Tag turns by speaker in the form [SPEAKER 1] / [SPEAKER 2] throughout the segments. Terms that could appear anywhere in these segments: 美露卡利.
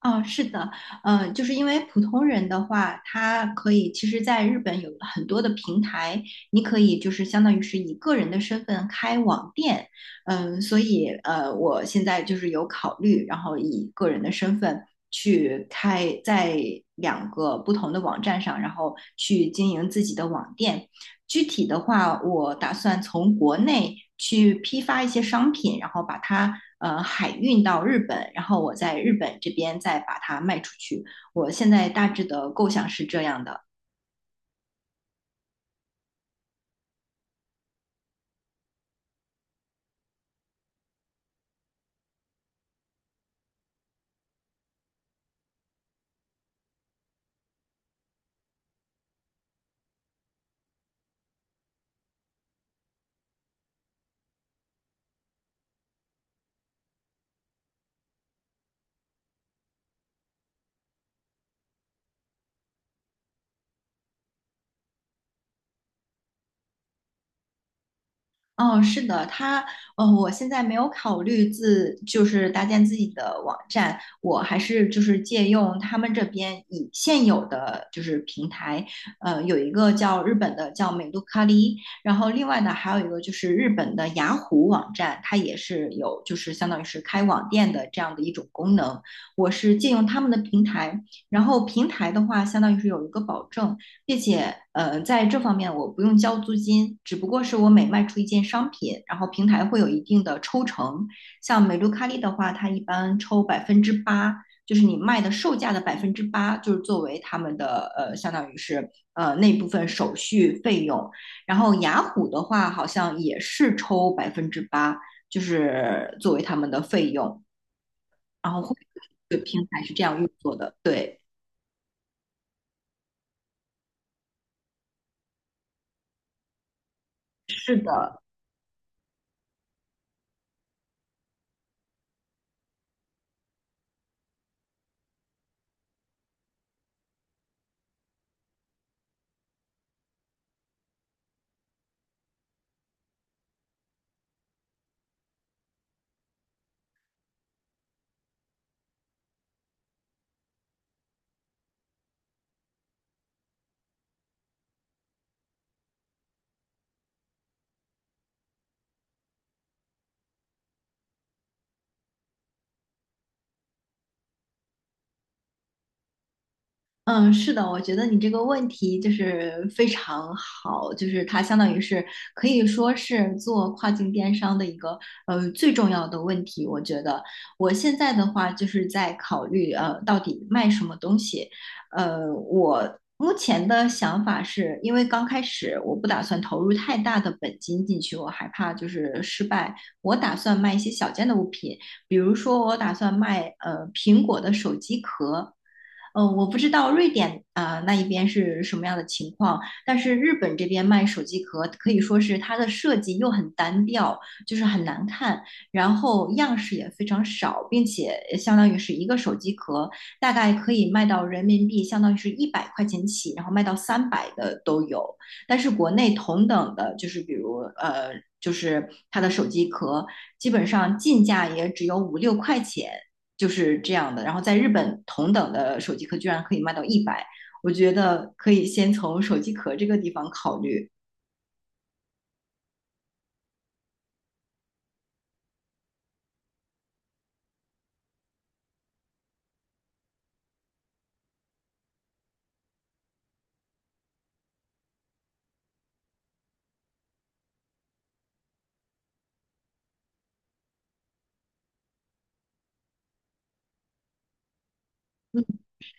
[SPEAKER 1] 哦，是的，就是因为普通人的话，他可以，其实在日本有很多的平台，你可以就是相当于是以个人的身份开网店。所以我现在就是有考虑，然后以个人的身份去开在两个不同的网站上，然后去经营自己的网店。具体的话，我打算从国内去批发一些商品，然后把它海运到日本，然后我在日本这边再把它卖出去。我现在大致的构想是这样的。哦，是的，它，我现在没有考虑就是搭建自己的网站，我还是就是借用他们这边已现有的就是平台。有一个叫日本的叫美露卡利，然后另外呢还有一个就是日本的雅虎网站，它也是有就是相当于是开网店的这样的一种功能，我是借用他们的平台，然后平台的话相当于是有一个保证。并且在这方面我不用交租金，只不过是我每卖出一件商品，然后平台会有一定的抽成。像美露卡利的话，它一般抽百分之八，就是你卖的售价的百分之八，就是作为他们的相当于是那部分手续费用。然后雅虎的话，好像也是抽百分之八，就是作为他们的费用。然后会对，平台是这样运作的。对，是，嗯，是的。我觉得你这个问题就是非常好，就是它相当于是可以说是做跨境电商的一个最重要的问题。我觉得我现在的话就是在考虑到底卖什么东西。我目前的想法是因为刚开始我不打算投入太大的本金进去，我害怕就是失败。我打算卖一些小件的物品，比如说我打算卖苹果的手机壳。我不知道瑞典啊、那一边是什么样的情况，但是日本这边卖手机壳可以说是它的设计又很单调，就是很难看，然后样式也非常少，并且相当于是一个手机壳大概可以卖到人民币相当于是100块钱起，然后卖到300的都有。但是国内同等的，就是比如就是它的手机壳，基本上进价也只有5、6块钱，就是这样的。然后在日本，同等的手机壳居然可以卖到一百，我觉得可以先从手机壳这个地方考虑。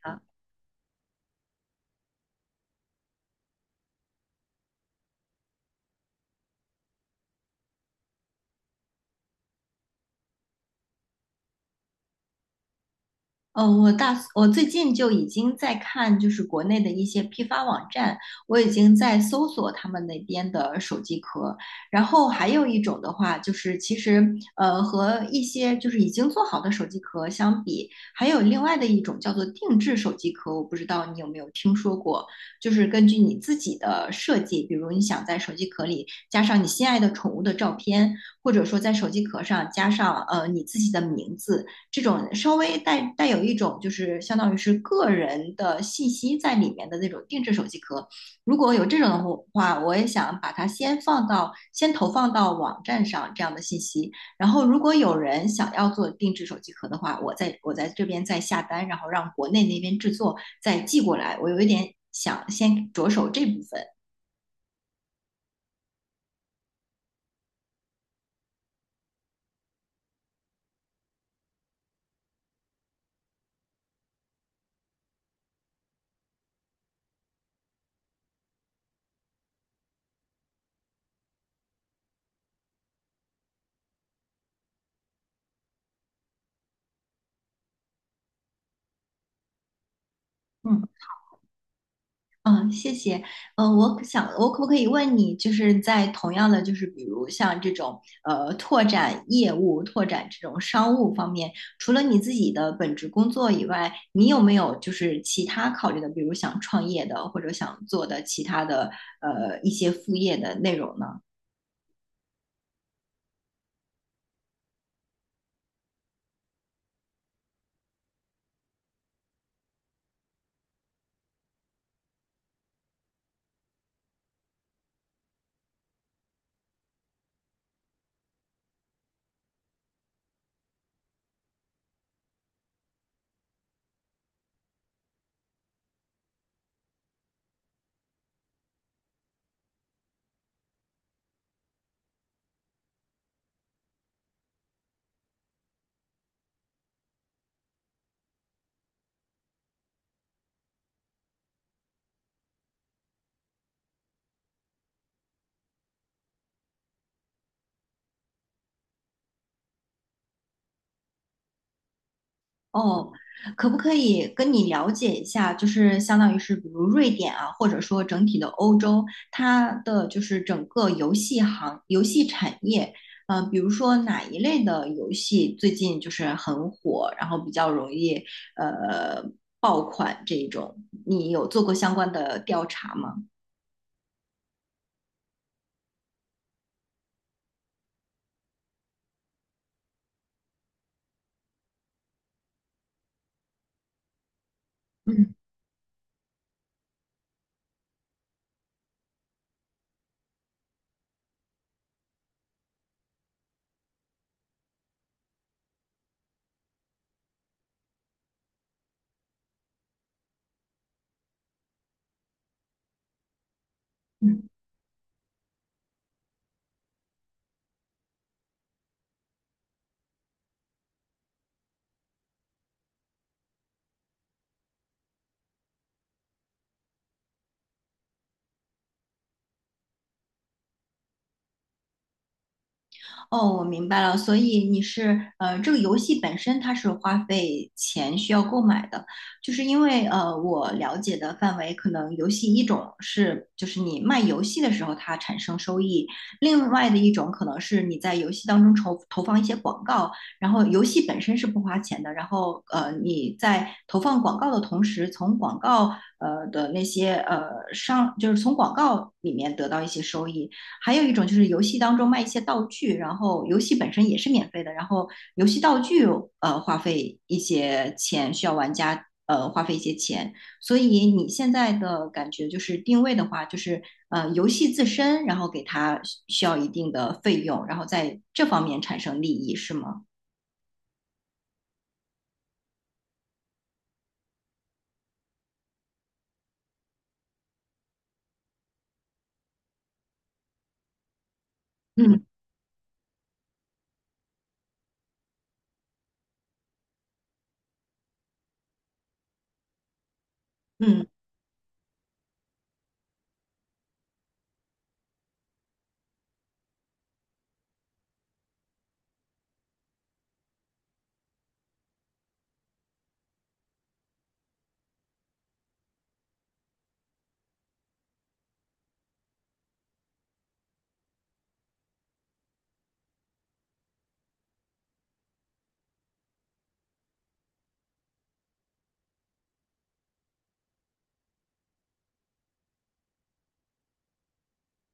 [SPEAKER 1] 啊，我最近就已经在看，就是国内的一些批发网站，我已经在搜索他们那边的手机壳。然后还有一种的话，就是其实和一些就是已经做好的手机壳相比，还有另外的一种叫做定制手机壳，我不知道你有没有听说过，就是根据你自己的设计，比如你想在手机壳里加上你心爱的宠物的照片，或者说在手机壳上加上你自己的名字。这种稍微带有一种就是相当于是个人的信息在里面的那种定制手机壳，如果有这种的话，我也想把它先投放到网站上这样的信息，然后如果有人想要做定制手机壳的话，我在这边再下单，然后让国内那边制作再寄过来，我有一点想先着手这部分。嗯。嗯，谢谢。嗯，我可不可以问你，就是在同样的，就是比如像这种拓展业务、拓展这种商务方面，除了你自己的本职工作以外，你有没有就是其他考虑的，比如想创业的，或者想做的其他的一些副业的内容呢？哦，可不可以跟你了解一下，就是相当于是比如瑞典啊，或者说整体的欧洲，它的就是整个游戏产业。嗯，比如说哪一类的游戏最近就是很火，然后比较容易呃爆款这一种，你有做过相关的调查吗？嗯。哦，我明白了，所以你是这个游戏本身它是花费钱需要购买的，就是因为我了解的范围可能游戏一种是就是你卖游戏的时候它产生收益，另外的一种可能是你在游戏当中投放一些广告，然后游戏本身是不花钱的，然后你在投放广告的同时，从广告的那些就是从广告里面得到一些收益。还有一种就是游戏当中卖一些道具，然后游戏本身也是免费的，然后游戏道具花费一些钱，需要玩家花费一些钱。所以你现在的感觉就是定位的话，就是游戏自身，然后给它需要一定的费用，然后在这方面产生利益，是吗？嗯嗯。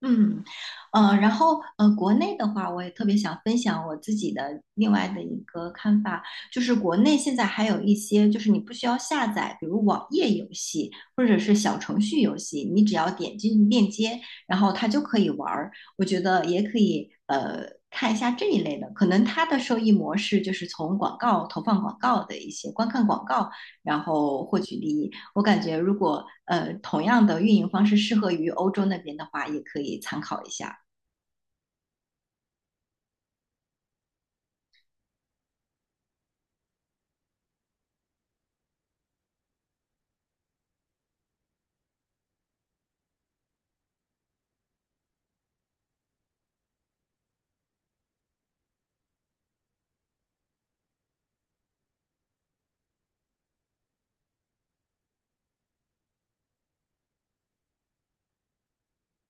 [SPEAKER 1] 嗯，然后国内的话，我也特别想分享我自己的另外的一个看法，就是国内现在还有一些，就是你不需要下载，比如网页游戏或者是小程序游戏，你只要点进链接，然后它就可以玩儿。我觉得也可以，看一下这一类的，可能它的收益模式就是从广告投放广告的一些观看广告然后获取利益。我感觉如果同样的运营方式适合于欧洲那边的话，也可以参考一下。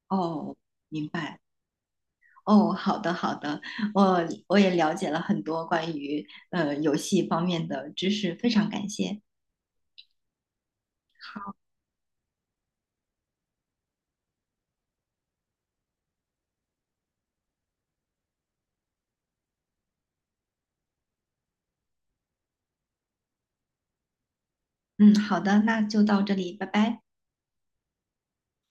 [SPEAKER 1] 哦，明白。哦，好的好的，我也了解了很多关于游戏方面的知识，非常感谢。嗯，好的，那就到这里，拜拜。